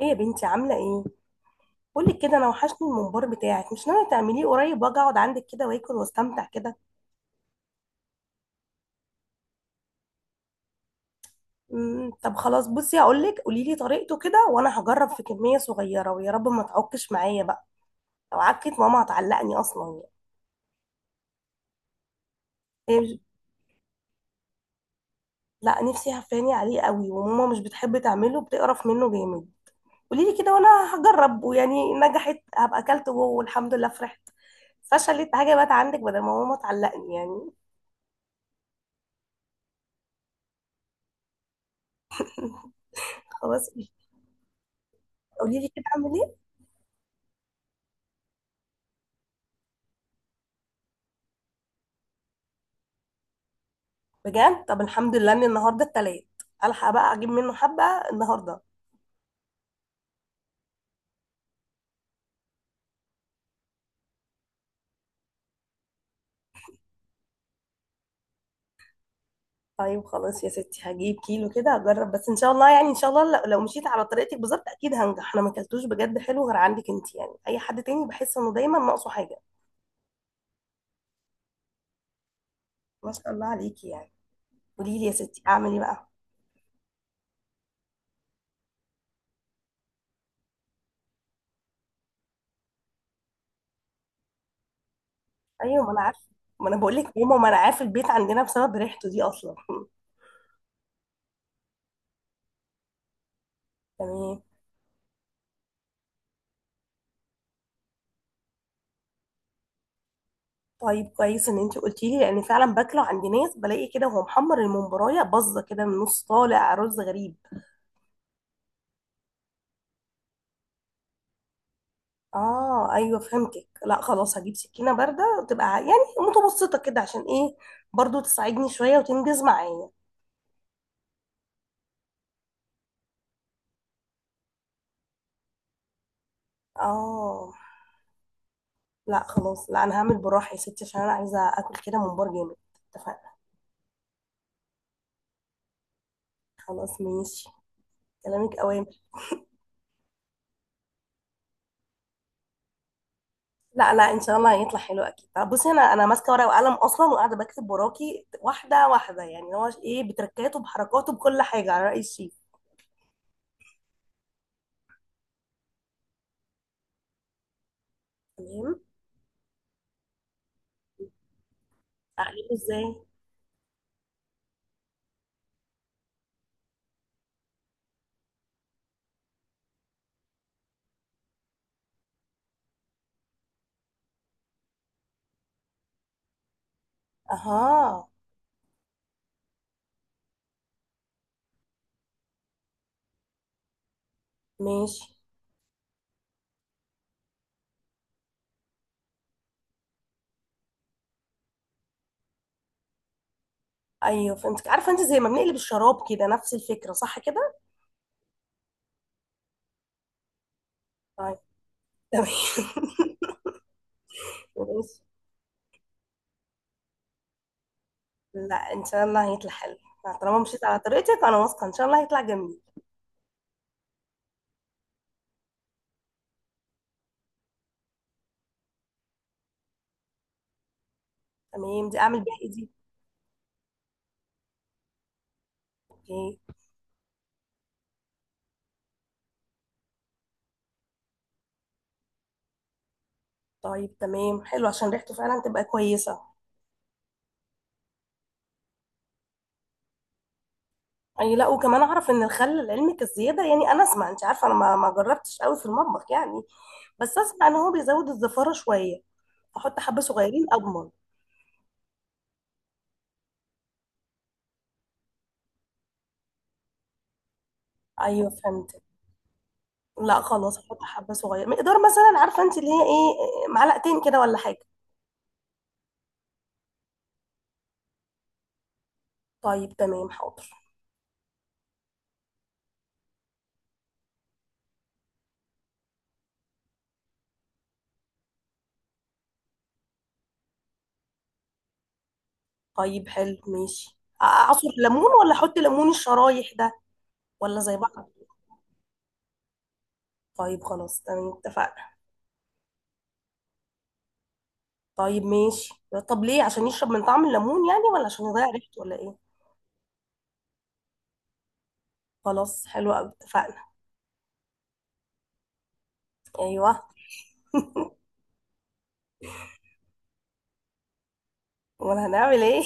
ايه يا بنتي عامله ايه؟ قولي كده انا وحشني الممبار بتاعك، مش ناويه تعمليه قريب واجي اقعد عندك كده واكل واستمتع كده؟ طب خلاص، بصي هقول لك، قولي لي طريقته كده وانا هجرب في كميه صغيره ويا رب ما تعكش معايا بقى. لو عكت ماما هتعلقني اصلا يعني. إيه مش... لا، نفسي هفاني عليه قوي، وماما مش بتحب تعمله، بتقرف منه جامد. قولي لي كده وانا هجرب، ويعني نجحت هبقى اكلته جوه والحمد لله فرحت. فشلت حاجه بقت عندك بدل ما ماما تعلقني يعني. خلاص، قولي لي كده اعمل ايه. بجد؟ طب الحمد لله ان النهارده التلات، الحق بقى اجيب منه حبه النهارده. طيب خلاص يا ستي، هجيب كيلو كده هجرب، بس ان شاء الله يعني، ان شاء الله لو مشيت على طريقتك بالظبط اكيد هنجح. انا ما اكلتوش بجد حلو غير عندك انت يعني، اي حد تاني بحس انه دايما ناقصه حاجه. ما شاء الله عليكي يعني. قولي لي يا ستي اعمل ايه بقى. ايوه، ما انا عارفه، ما انا بقول لك ماما، ما انا عارفه البيت عندنا بسبب ريحته دي اصلا. تمام. طيب كويس ان انت قلتي لي، لان فعلا باكله عند ناس بلاقي كده، وهو محمر الممبرايه باظه كده من نص، طالع رز غريب. اه ايوه فهمتك، لا خلاص هجيب سكينه بارده وتبقى يعني متوسطه كده، عشان ايه؟ برضو تساعدني شويه وتنجز معايا. اه. لا خلاص، لا انا هعمل بالراحه يا ستي، عشان انا عايزه اكل كده ممبار جامد. اتفقنا. خلاص ماشي، كلامك اوامر. لا، ان شاء الله هيطلع حلو اكيد. طب بصي، انا ماسكه ورقه وقلم اصلا، وقاعده بكتب وراكي واحده واحده يعني، هو ايه، بتركاته بحركاته بكل حاجه على راي الشيف. تمام، اعمله ازاي؟ اها، ماشي. ايوه فهمتك، عارفه انت زي ما بنقلب الشراب كده، نفس الفكره صح كده. طيب تمام. ماشي. لا ان شاء الله هيطلع حلو. لا، طالما مشيت على طريقتك انا واثقه ان شاء الله هيطلع جميل. تمام، دي اعمل بيها ايدي؟ اوكي. طيب تمام حلو، عشان ريحته فعلا تبقى كويسه. اي، لا وكمان اعرف ان الخل لعلمك الزياده يعني، انا اسمع، انت عارفه انا ما جربتش قوي في المطبخ يعني، بس اسمع ان هو بيزود الزفاره شويه. احط حبه صغيرين اضمن. ايوه فهمت. لا خلاص، احط حبه صغيره مقدار مثلا، عارفه انت اللي هي ايه، معلقتين كده ولا حاجه؟ طيب تمام حاضر. طيب حلو ماشي، اعصر ليمون ولا احط ليمون الشرايح ده ولا زي بعض؟ طيب خلاص تمام اتفقنا. طيب ماشي. طب ليه؟ عشان يشرب من طعم الليمون يعني، ولا عشان يضيع ريحته ولا ايه؟ خلاص حلو قوي اتفقنا. ايوه. امال هنعمل ايه؟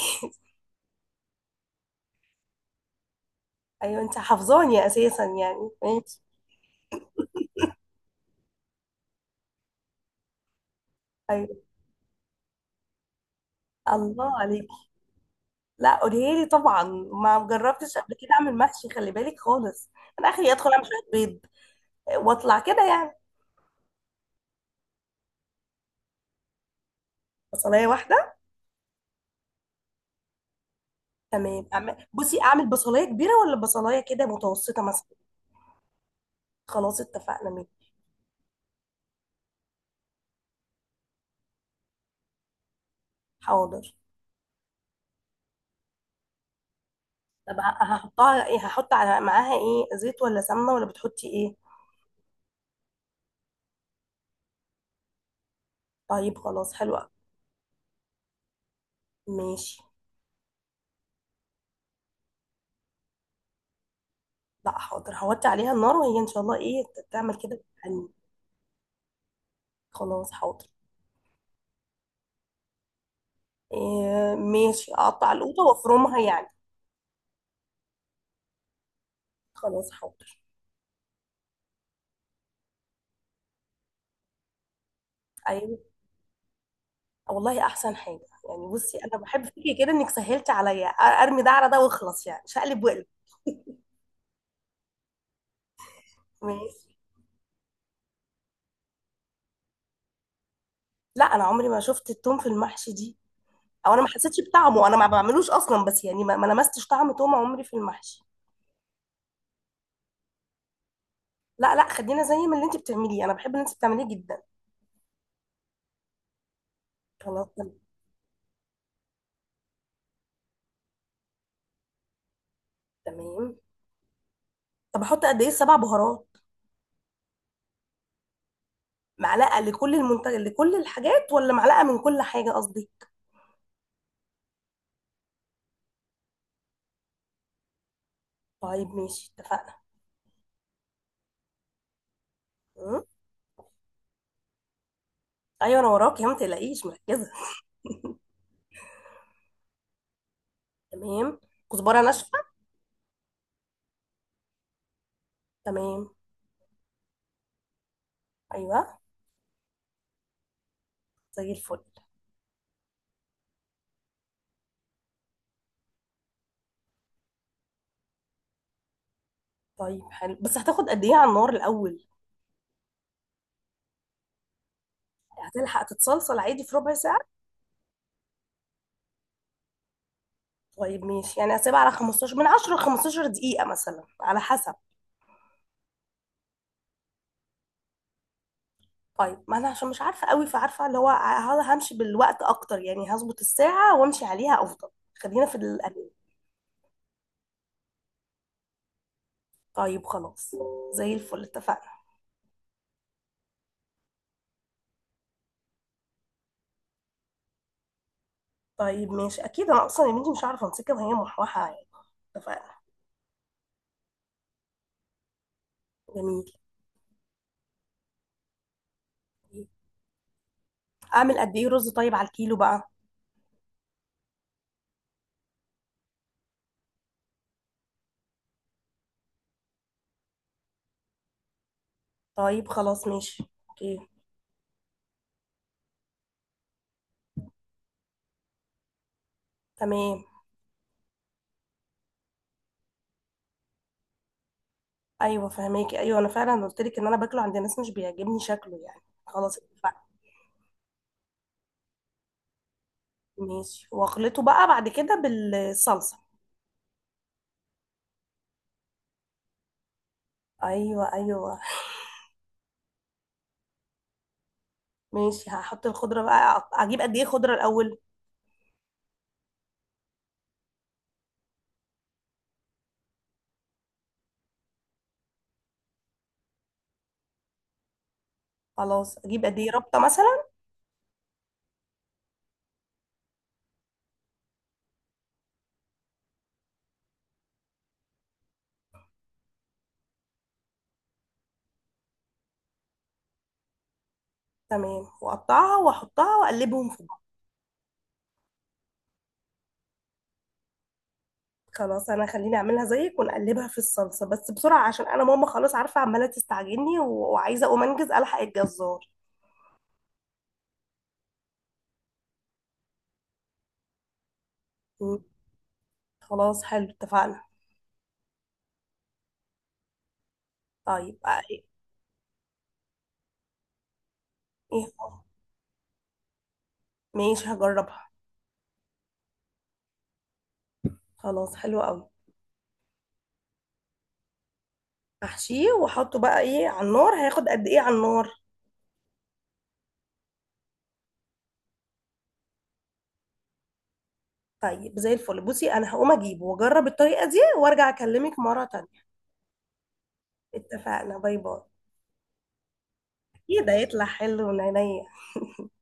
ايوه انت حافظاني اساسا يعني، ماشي. ايوه. الله عليك. لا قولي لي طبعا، ما جربتش قبل كده اعمل محشي، خلي بالك خالص. انا اخري ادخل اعمل شويه بيض واطلع كده يعني. بصلايه واحده؟ تمام، بصي اعمل بصلايه كبيره ولا بصلايه كده متوسطه مثلا؟ خلاص اتفقنا مين. حاضر. طب هحطها ايه، هحط على معاها ايه، زيت ولا سمنه ولا بتحطي ايه؟ طيب خلاص، حلوه أوي. ماشي. لا حاضر، هوطي عليها النار وهي ان شاء الله ايه تعمل كده يعني. خلاص حاضر. إيه؟ ماشي، اقطع القوطه وافرمها يعني. خلاص حاضر. ايوه، والله احسن حاجه. يعني بصي، انا بحب فيكي كده انك سهلت عليا ارمي ده على ده واخلص يعني، شقلب وقلب. ماشي. لا انا عمري ما شفت التوم في المحشي دي، او انا ما حسيتش بطعمه، انا ما بعملوش اصلا بس يعني، ما لمستش طعم توم عمري في المحشي. لا لا، خلينا زي ما اللي انت بتعمليه، انا بحب اللي انت بتعمليه جدا. خلاص. تمام. طب احط قد ايه سبع بهارات؟ معلقه لكل المنتج لكل الحاجات، ولا معلقه من كل حاجه قصدي؟ طيب ماشي اتفقنا. م؟ ايوه انا وراك يا ما تقلقيش، مركزه. تمام. كزبره ناشفه. تمام. ايوه. زي الفل. طيب حلو، بس هتاخد قد ايه على النار الاول؟ هتلحق تتصلصل عادي في ربع ساعه؟ طيب ماشي، يعني هسيبها على 15 من 10 ل 15 دقيقه مثلا على حسب. طيب ما انا عشان مش عارفه قوي، فعارفه اللي هو همشي بالوقت اكتر يعني، هظبط الساعه وامشي عليها افضل. خلينا في القليل. طيب خلاص، زي الفل اتفقنا. طيب ماشي، اكيد انا اصلا يا بنتي مش عارفه امسكها وهي محوحه يعني. اتفقنا. جميل. اعمل قد ايه رز طيب على الكيلو بقى؟ طيب خلاص ماشي. اوكي. تمام. ايوه فهماكي، ايوه انا فعلا قلت لك ان انا باكله عند ناس مش بيعجبني شكله يعني، خلاص اتفقنا. ماشي، واخلطه بقى بعد كده بالصلصه. ايوه ايوه. ماشي، هحط الخضره بقى، اجيب قد ايه خضره الاول؟ خلاص، اجيب قد ايه ربطه مثلا؟ تمام، واقطعها واحطها واقلبهم في بعض. خلاص، انا خليني اعملها زيك ونقلبها في الصلصه بس بسرعه، عشان انا ماما خلاص عارفه عماله تستعجلني وعايزه اقوم انجز الحق الجزار. مم. خلاص حلو اتفقنا. طيب آه، ايه. إيه؟ ماشي هجربها. خلاص حلو قوي. احشيه واحطه بقى ايه على النار، هياخد قد ايه على النار؟ طيب زي الفل، بصي انا هقوم اجيبه واجرب الطريقه دي وارجع اكلمك مره تانية. اتفقنا، باي باي. اكيد هيطلع حلو ونينيا.